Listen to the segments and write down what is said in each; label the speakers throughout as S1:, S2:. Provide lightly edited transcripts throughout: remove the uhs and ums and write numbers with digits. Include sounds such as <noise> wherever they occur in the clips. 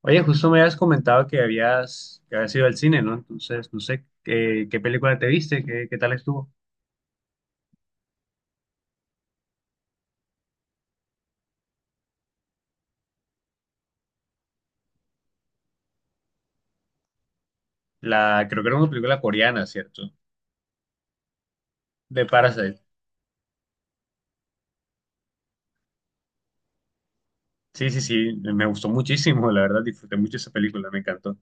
S1: Oye, justo me habías comentado que habías ido al cine, ¿no? Entonces, no sé qué película te viste, qué tal estuvo. La, creo que era una película coreana, ¿cierto? De Parasite. Sí, sí, sí, me gustó muchísimo, la verdad, disfruté mucho esa película, me encantó.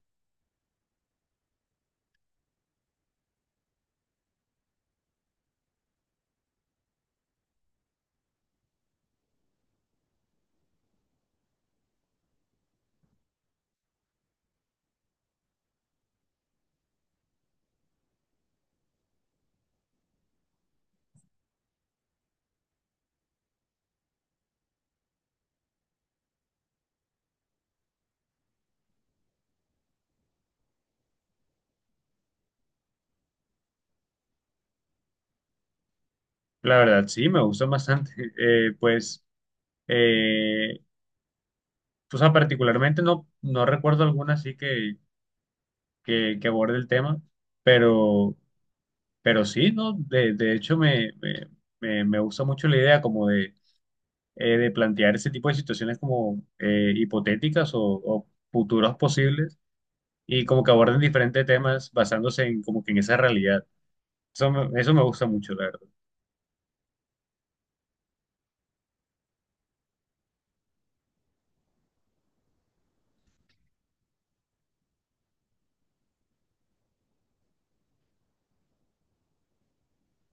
S1: La verdad, sí, me gustó bastante. <laughs> Eh, pues, eh, o sea, particularmente no recuerdo alguna así que aborde el tema, pero, pero sí, ¿no? De hecho, me gusta mucho la idea como de plantear ese tipo de situaciones como hipotéticas o futuros posibles y como que aborden diferentes temas basándose en como que en esa realidad. Eso me gusta mucho, la verdad.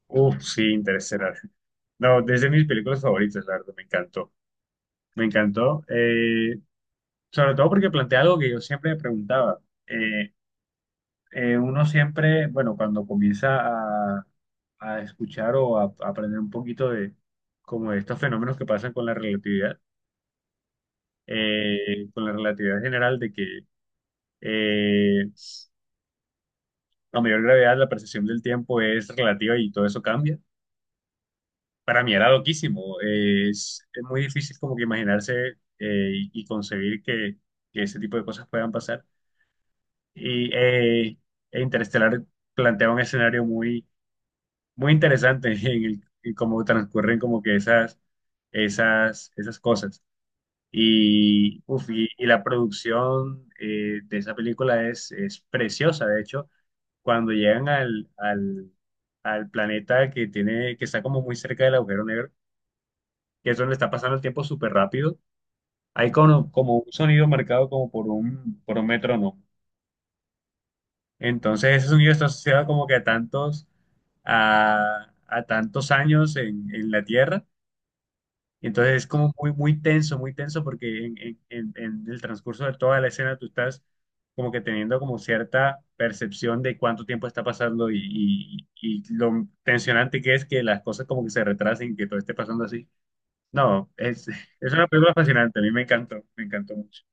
S1: Uf, sí, Interestelar. No, desde mis películas favoritas, la verdad, me encantó. Me encantó, sobre todo porque plantea algo que yo siempre me preguntaba. Eh, Uno siempre, bueno, cuando comienza a, a escuchar o a aprender un poquito de como de estos fenómenos que pasan con la relatividad general de que eh, a mayor gravedad la percepción del tiempo es relativa y todo eso cambia. Para mí era loquísimo. Es muy difícil como que imaginarse y concebir que ese tipo de cosas puedan pasar. Y eh, e Interestelar plantea un escenario muy interesante <laughs> en en cómo transcurren como que esas cosas. Y la producción de esa película es preciosa. De hecho, cuando llegan al planeta que tiene, que está como muy cerca del agujero negro, que eso le está pasando el tiempo súper rápido, hay como un sonido marcado como por por un metrónomo. Entonces ese sonido está asociado como que a a tantos años en la Tierra. Y entonces es como muy tenso porque en el transcurso de toda la escena tú estás como que teniendo como cierta percepción de cuánto tiempo está pasando y lo tensionante que es que las cosas como que se retrasen y que todo esté pasando así. No, es, <laughs> es una película fascinante, a mí me encantó mucho.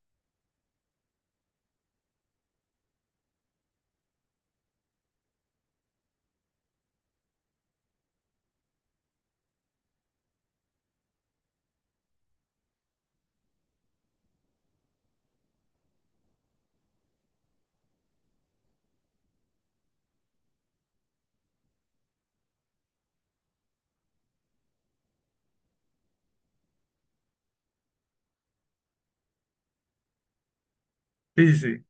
S1: Sí, sí, sí.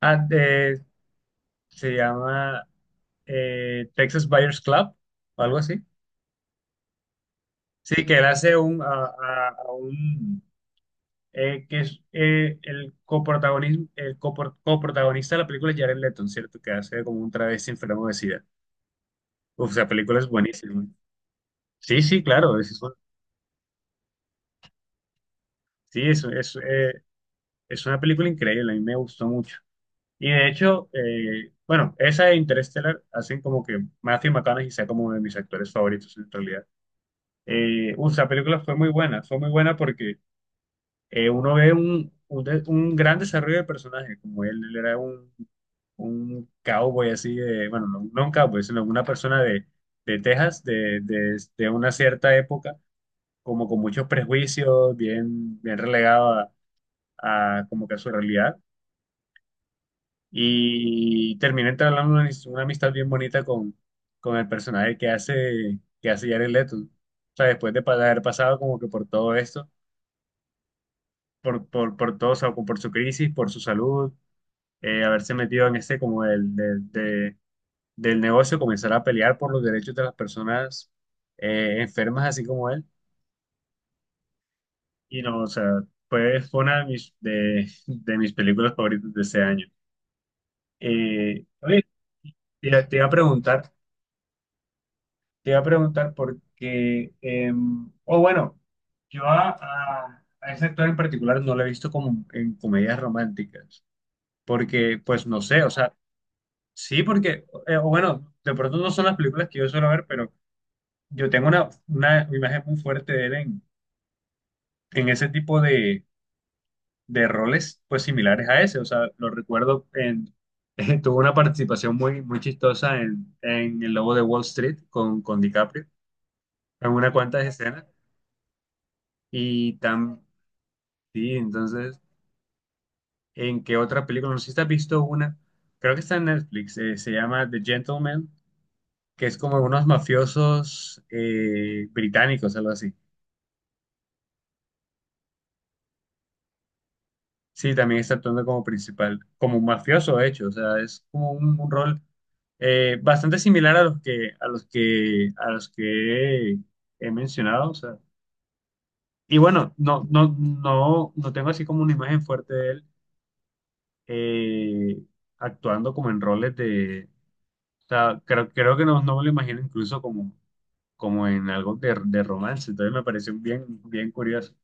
S1: Ah, eh, se llama Texas Buyers Club o algo así. Sí, que él hace a un que es el coprotagonista de la película es Jared Leto, ¿cierto? Que hace como un travesti enfermo de SIDA. Uf, esa película es buenísima. Sí, sí, claro, es un- sí, es una película increíble, a mí me gustó mucho. Y de hecho, esa de Interstellar hacen como que Matthew McConaughey sea como uno de mis actores favoritos en realidad. Esa película fue muy buena porque uno ve un gran desarrollo de personaje, como él era un cowboy así, de, bueno, no un cowboy, sino una persona de Texas, de una cierta época, como con muchos prejuicios, bien relegado a como que a su realidad, y termina entablando una amistad bien bonita con el personaje que que hace Jared Leto. O sea, después de haber pasado como que por todo esto, por todo, o sea, por su crisis, por su salud, haberse metido en este como del negocio, comenzar a pelear por los derechos de las personas enfermas, así como él. Y no, o sea, fue una de de mis películas favoritas de ese año. Oye, te iba a preguntar, te iba a preguntar porque, yo a ese actor en particular no lo he visto como en comedias románticas, porque pues no sé, o sea, Sí, porque, de pronto no son las películas que yo suelo ver, pero yo tengo una imagen muy fuerte de él en ese tipo de roles, pues similares a ese. O sea, lo recuerdo en, <laughs> tuvo una participación muy chistosa en El Lobo de Wall Street con DiCaprio, en una cuantas escenas. Y tan, sí, entonces, ¿En qué otra película? No sé si te has visto una, creo que está en Netflix, se llama The Gentleman, que es como unos mafiosos británicos, algo así. Sí, también está actuando como principal, como un mafioso, de hecho. O sea, es como un rol bastante similar a a los que he mencionado. O sea. Y bueno, no tengo así como una imagen fuerte de él eh, actuando como en roles de. O sea, creo que no, no me lo imagino incluso como, como en algo de romance. Entonces me pareció bien curioso.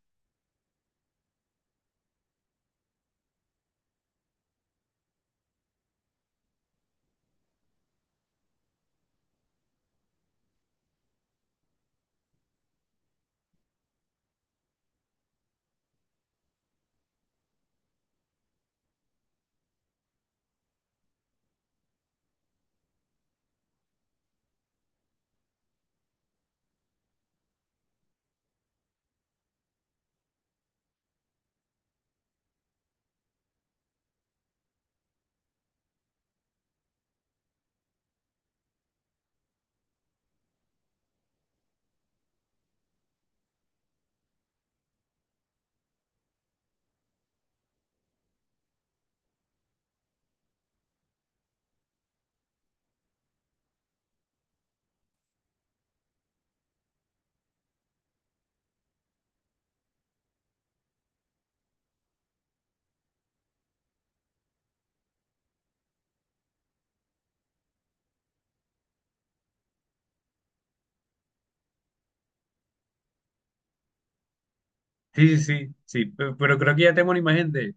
S1: Pero creo que ya tengo una imagen de,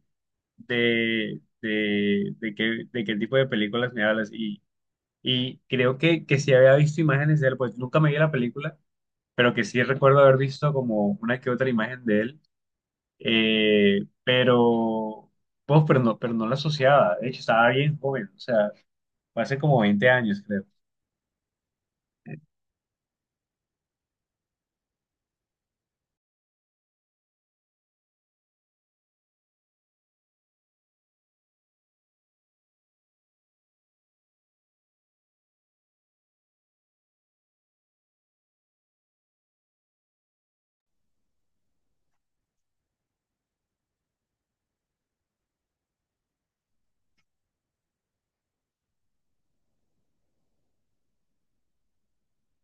S1: de qué tipo de películas me hablas. Y creo que sí había visto imágenes de él, pues nunca me vi la película, pero que sí recuerdo haber visto como una que otra imagen de él. Eh, pero, pero no la asociaba. De hecho, estaba bien joven, o sea, fue hace como 20 años, creo.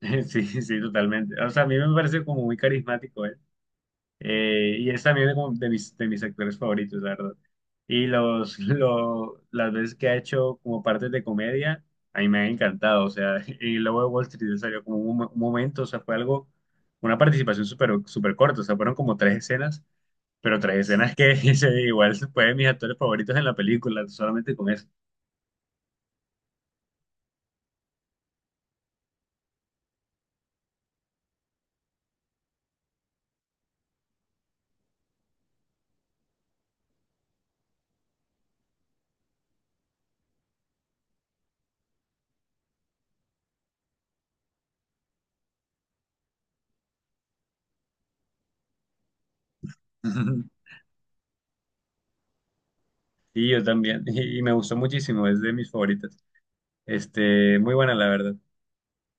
S1: <laughs> Sí, sí, totalmente. O sea, a mí me parece como muy carismático. Y es también de mis actores favoritos, la verdad. <laughs> Las veces que ha hecho como partes de comedia, a mí me ha encantado. O sea, <laughs> y luego de Wall Street salió como un momento, o sea, fue algo, una participación súper súper corta. O sea, fueron como 3 escenas, pero 3 escenas que <laughs> igual fue de mis actores favoritos en la película, solamente con eso. <laughs> Y yo también, y me gustó muchísimo, es de mis favoritas. Este, muy buena, la verdad.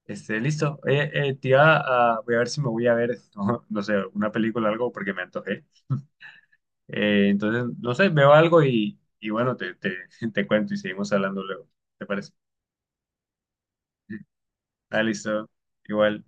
S1: Este, listo. Voy a ver si me voy a ver, <laughs> no, no sé, una película o algo porque me antojé. Entonces, no sé, veo algo y bueno, <laughs> te cuento y seguimos hablando luego. ¿Te parece? <laughs> Ah, listo. Igual.